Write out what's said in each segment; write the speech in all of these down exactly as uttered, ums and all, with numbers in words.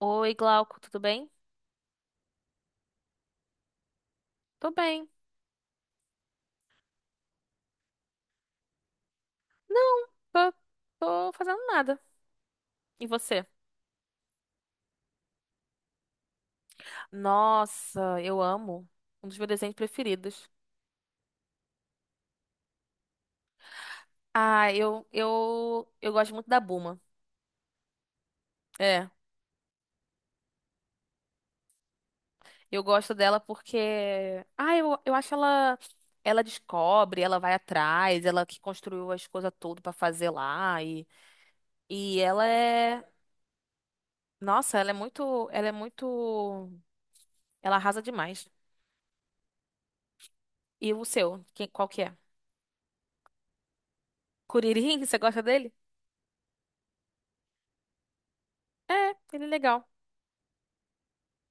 Oi, Glauco, tudo bem? Tô bem. Não, tô, tô fazendo nada. E você? Nossa, eu amo. Um dos meus desenhos preferidos. Ah, eu, eu, eu gosto muito da Buma. É, eu gosto dela porque. Ah, eu, eu acho ela. Ela descobre, ela vai atrás, ela que construiu as coisas todas pra fazer lá. E, e ela é. Nossa, ela é muito. Ela é muito. Ela arrasa demais. E o seu? Quem, qual que é? Curirim, você gosta dele? É, ele é legal.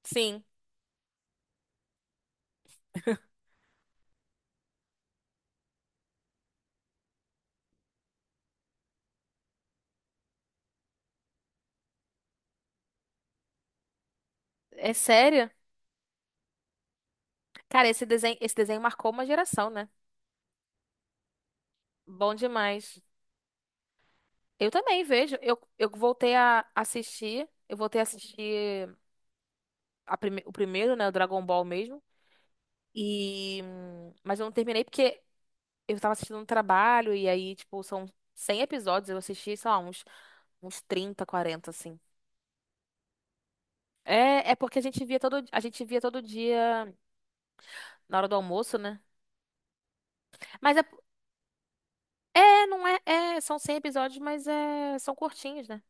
Sim. É sério? Cara, esse desenho, esse desenho marcou uma geração, né? Bom demais. Eu também vejo. Eu, eu voltei a assistir. Eu voltei a assistir a prime- o primeiro, né? O Dragon Ball mesmo. E... hum, Mas eu não terminei porque eu tava assistindo um trabalho e aí, tipo, são cem episódios. Eu assisti, sei lá, uns, uns trinta, quarenta, assim. É, é porque a gente via todo, a gente via todo dia na hora do almoço, né? Mas é, é, não é, é, são cem episódios, mas é, são curtinhos, né?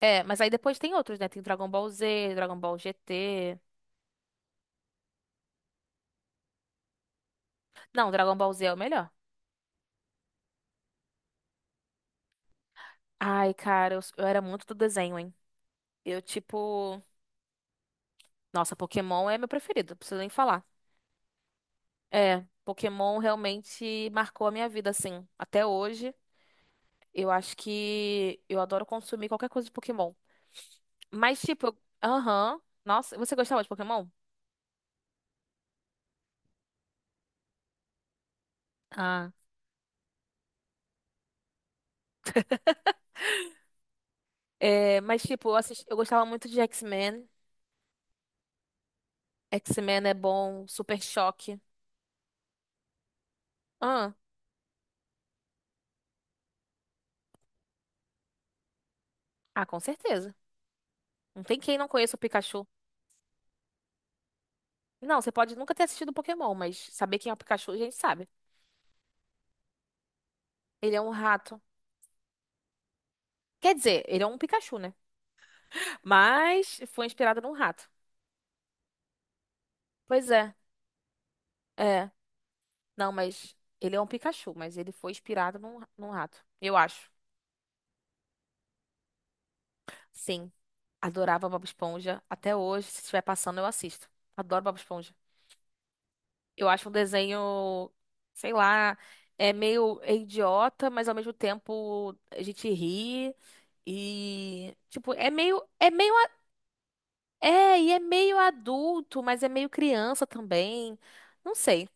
É, mas aí depois tem outros, né? Tem Dragon Ball Z, Dragon Ball G T. Não, Dragon Ball Z é o melhor. Ai, cara, eu, eu era muito do desenho, hein? Eu, tipo. Nossa, Pokémon é meu preferido, não preciso nem falar. É, Pokémon realmente marcou a minha vida, assim. Até hoje, eu acho que eu adoro consumir qualquer coisa de Pokémon. Mas, tipo, eu- aham. Nossa, você gostava de Pokémon? Ah. É, mas, tipo, eu, assisti- eu gostava muito de X-Men. X-Men é bom, Super Choque. Ah, ah, com certeza. Não tem quem não conheça o Pikachu. Não, você pode nunca ter assistido Pokémon, mas saber quem é o Pikachu a gente sabe. Ele é um rato. Quer dizer, ele é um Pikachu, né? Mas foi inspirado num rato. Pois é, é. Não, mas ele é um Pikachu, mas ele foi inspirado num, num rato. Eu acho. Sim, adorava Bob Esponja. Até hoje, se estiver passando, eu assisto. Adoro Bob Esponja. Eu acho um desenho, sei lá, é meio é idiota, mas ao mesmo tempo a gente ri e tipo, é meio é meio a- é, e é meio adulto, mas é meio criança também. Não sei.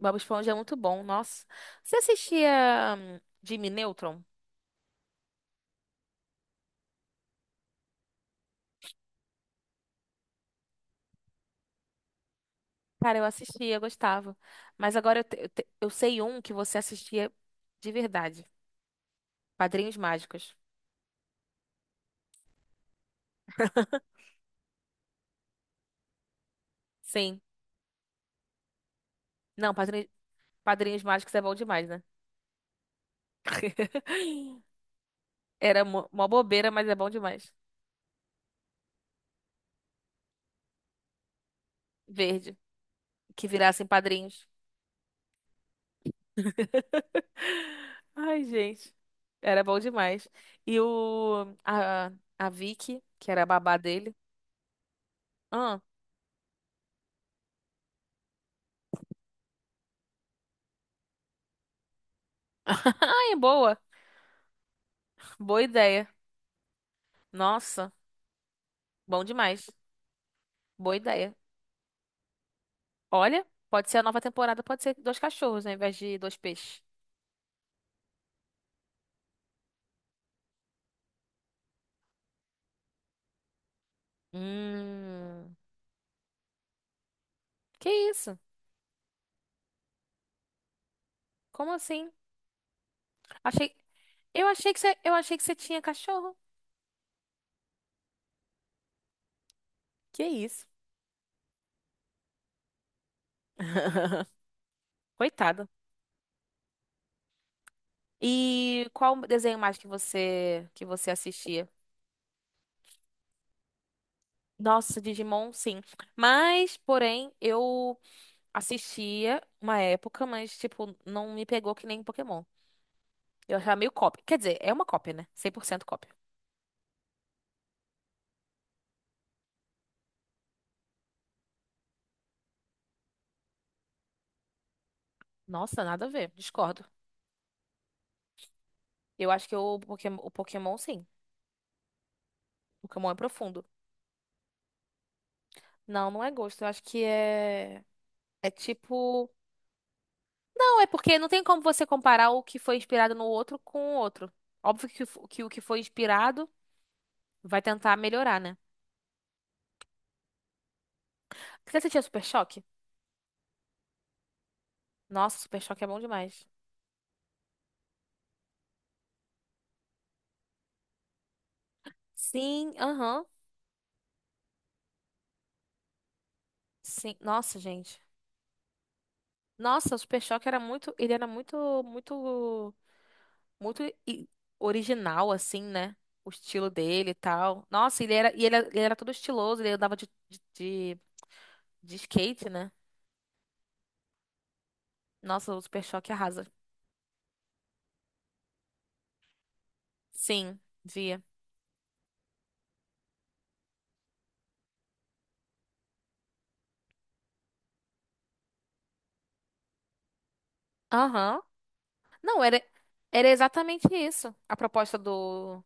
Bob Esponja é muito bom, nossa. Você assistia hum, Jimmy Neutron? Cara, eu assistia, eu gostava. Mas agora eu, te- eu te- eu sei um que você assistia de verdade. Padrinhos Mágicos. Sim. Não, Padrinhos, Padrinhos Mágicos é bom demais, né? Era mó mó bobeira, mas é bom demais. Verde. Que virassem padrinhos. Ai, gente. Era bom demais. E o... A, a Vicky, que era a babá dele. Ah. Ai, boa. Boa ideia. Nossa. Bom demais. Boa ideia. Olha, pode ser a nova temporada, pode ser dois cachorros, né, ao invés de dois peixes. Hum. Que isso? Como assim? Achei... Eu achei que você... Eu achei que você tinha cachorro. Que isso? Coitada. E qual desenho mais que você que você assistia? Nossa, Digimon, sim. Mas, porém, eu assistia uma época, mas, tipo, não me pegou que nem Pokémon. Eu achava meio cópia. Quer dizer, é uma cópia, né? Cem por cento cópia. Nossa, nada a ver. Discordo. Eu acho que o Pokémon, o Pokémon, sim. O Pokémon é profundo. Não, não é gosto. Eu acho que é. É tipo. Não, é porque não tem como você comparar o que foi inspirado no outro com o outro. Óbvio que, o que o que foi inspirado. Vai tentar melhorar, né? Você assistia Super Choque? Nossa, Super Choque é bom demais. Sim, aham. Sim. Nossa, gente. Nossa, o Super Choque era muito. Ele era muito, muito, muito i- original, assim, né? O estilo dele e tal. Nossa, ele era, e ele, era- ele era todo estiloso, ele andava de, de, de, de skate, né? Nossa, o Super Choque arrasa. Sim, via. Aham. Não, era, era exatamente isso. A proposta do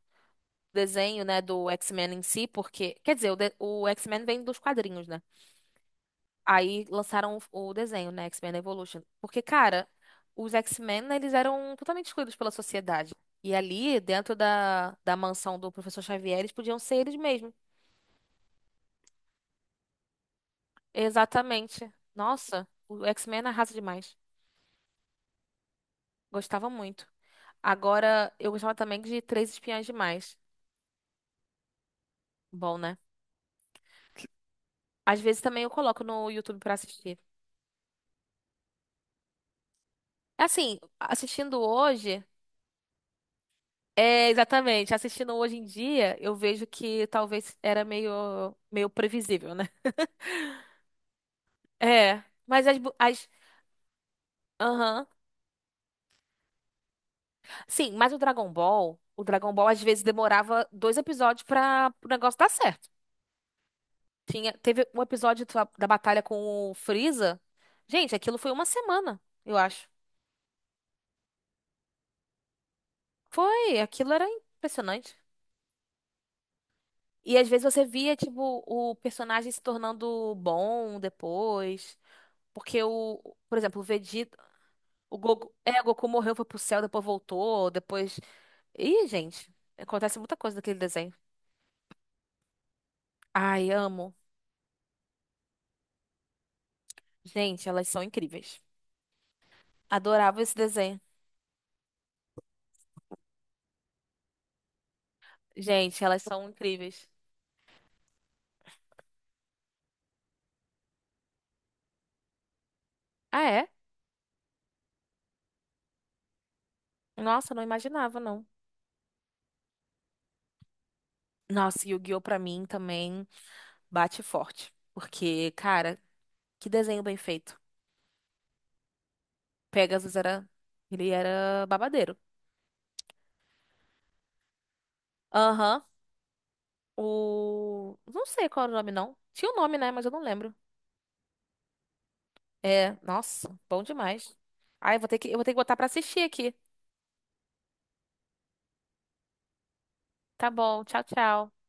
desenho, né, do X-Men em si, porque, quer dizer, o, de- o X-Men vem dos quadrinhos, né? Aí lançaram o, o desenho, né, X-Men Evolution, porque, cara, os X-Men, né, eles eram totalmente excluídos pela sociedade. E ali, dentro da, da mansão do professor Xavier, eles podiam ser eles mesmos. Exatamente. Nossa, o X-Men arrasa demais. Gostava muito. Agora, eu gostava também de Três Espiãs Demais. Bom, né? Às vezes também eu coloco no YouTube pra assistir. Assim, assistindo hoje, é, exatamente. Assistindo hoje em dia, eu vejo que talvez era meio, meio previsível, né? É, mas as, bu- as, aham. Sim, mas o Dragon Ball, o Dragon Ball às vezes demorava dois episódios para o negócio dar certo. Tinha, teve um episódio da, da batalha com o Freeza. Gente, aquilo foi uma semana, eu acho. Foi, aquilo era impressionante. E às vezes você via, tipo, o personagem se tornando bom depois. Porque o, por exemplo, o Vegeta. O Goku, é, o Goku morreu, foi pro céu, depois voltou, depois. Ih, gente, acontece muita coisa naquele desenho. Ai, amo. Gente, elas são incríveis. Adorava esse desenho. Gente, elas são incríveis. Ah, é? Nossa, não imaginava, não. Nossa, e o Yu-Gi-Oh! Pra mim também bate forte. Porque, cara, que desenho bem feito. Pegasus era. Ele era babadeiro. Aham. O. Não sei qual era o nome, não. Tinha o nome, né? Mas eu não lembro. É, nossa, bom demais. Ai, eu vou ter que, eu vou ter que botar pra assistir aqui. Tá bom, tchau, tchau.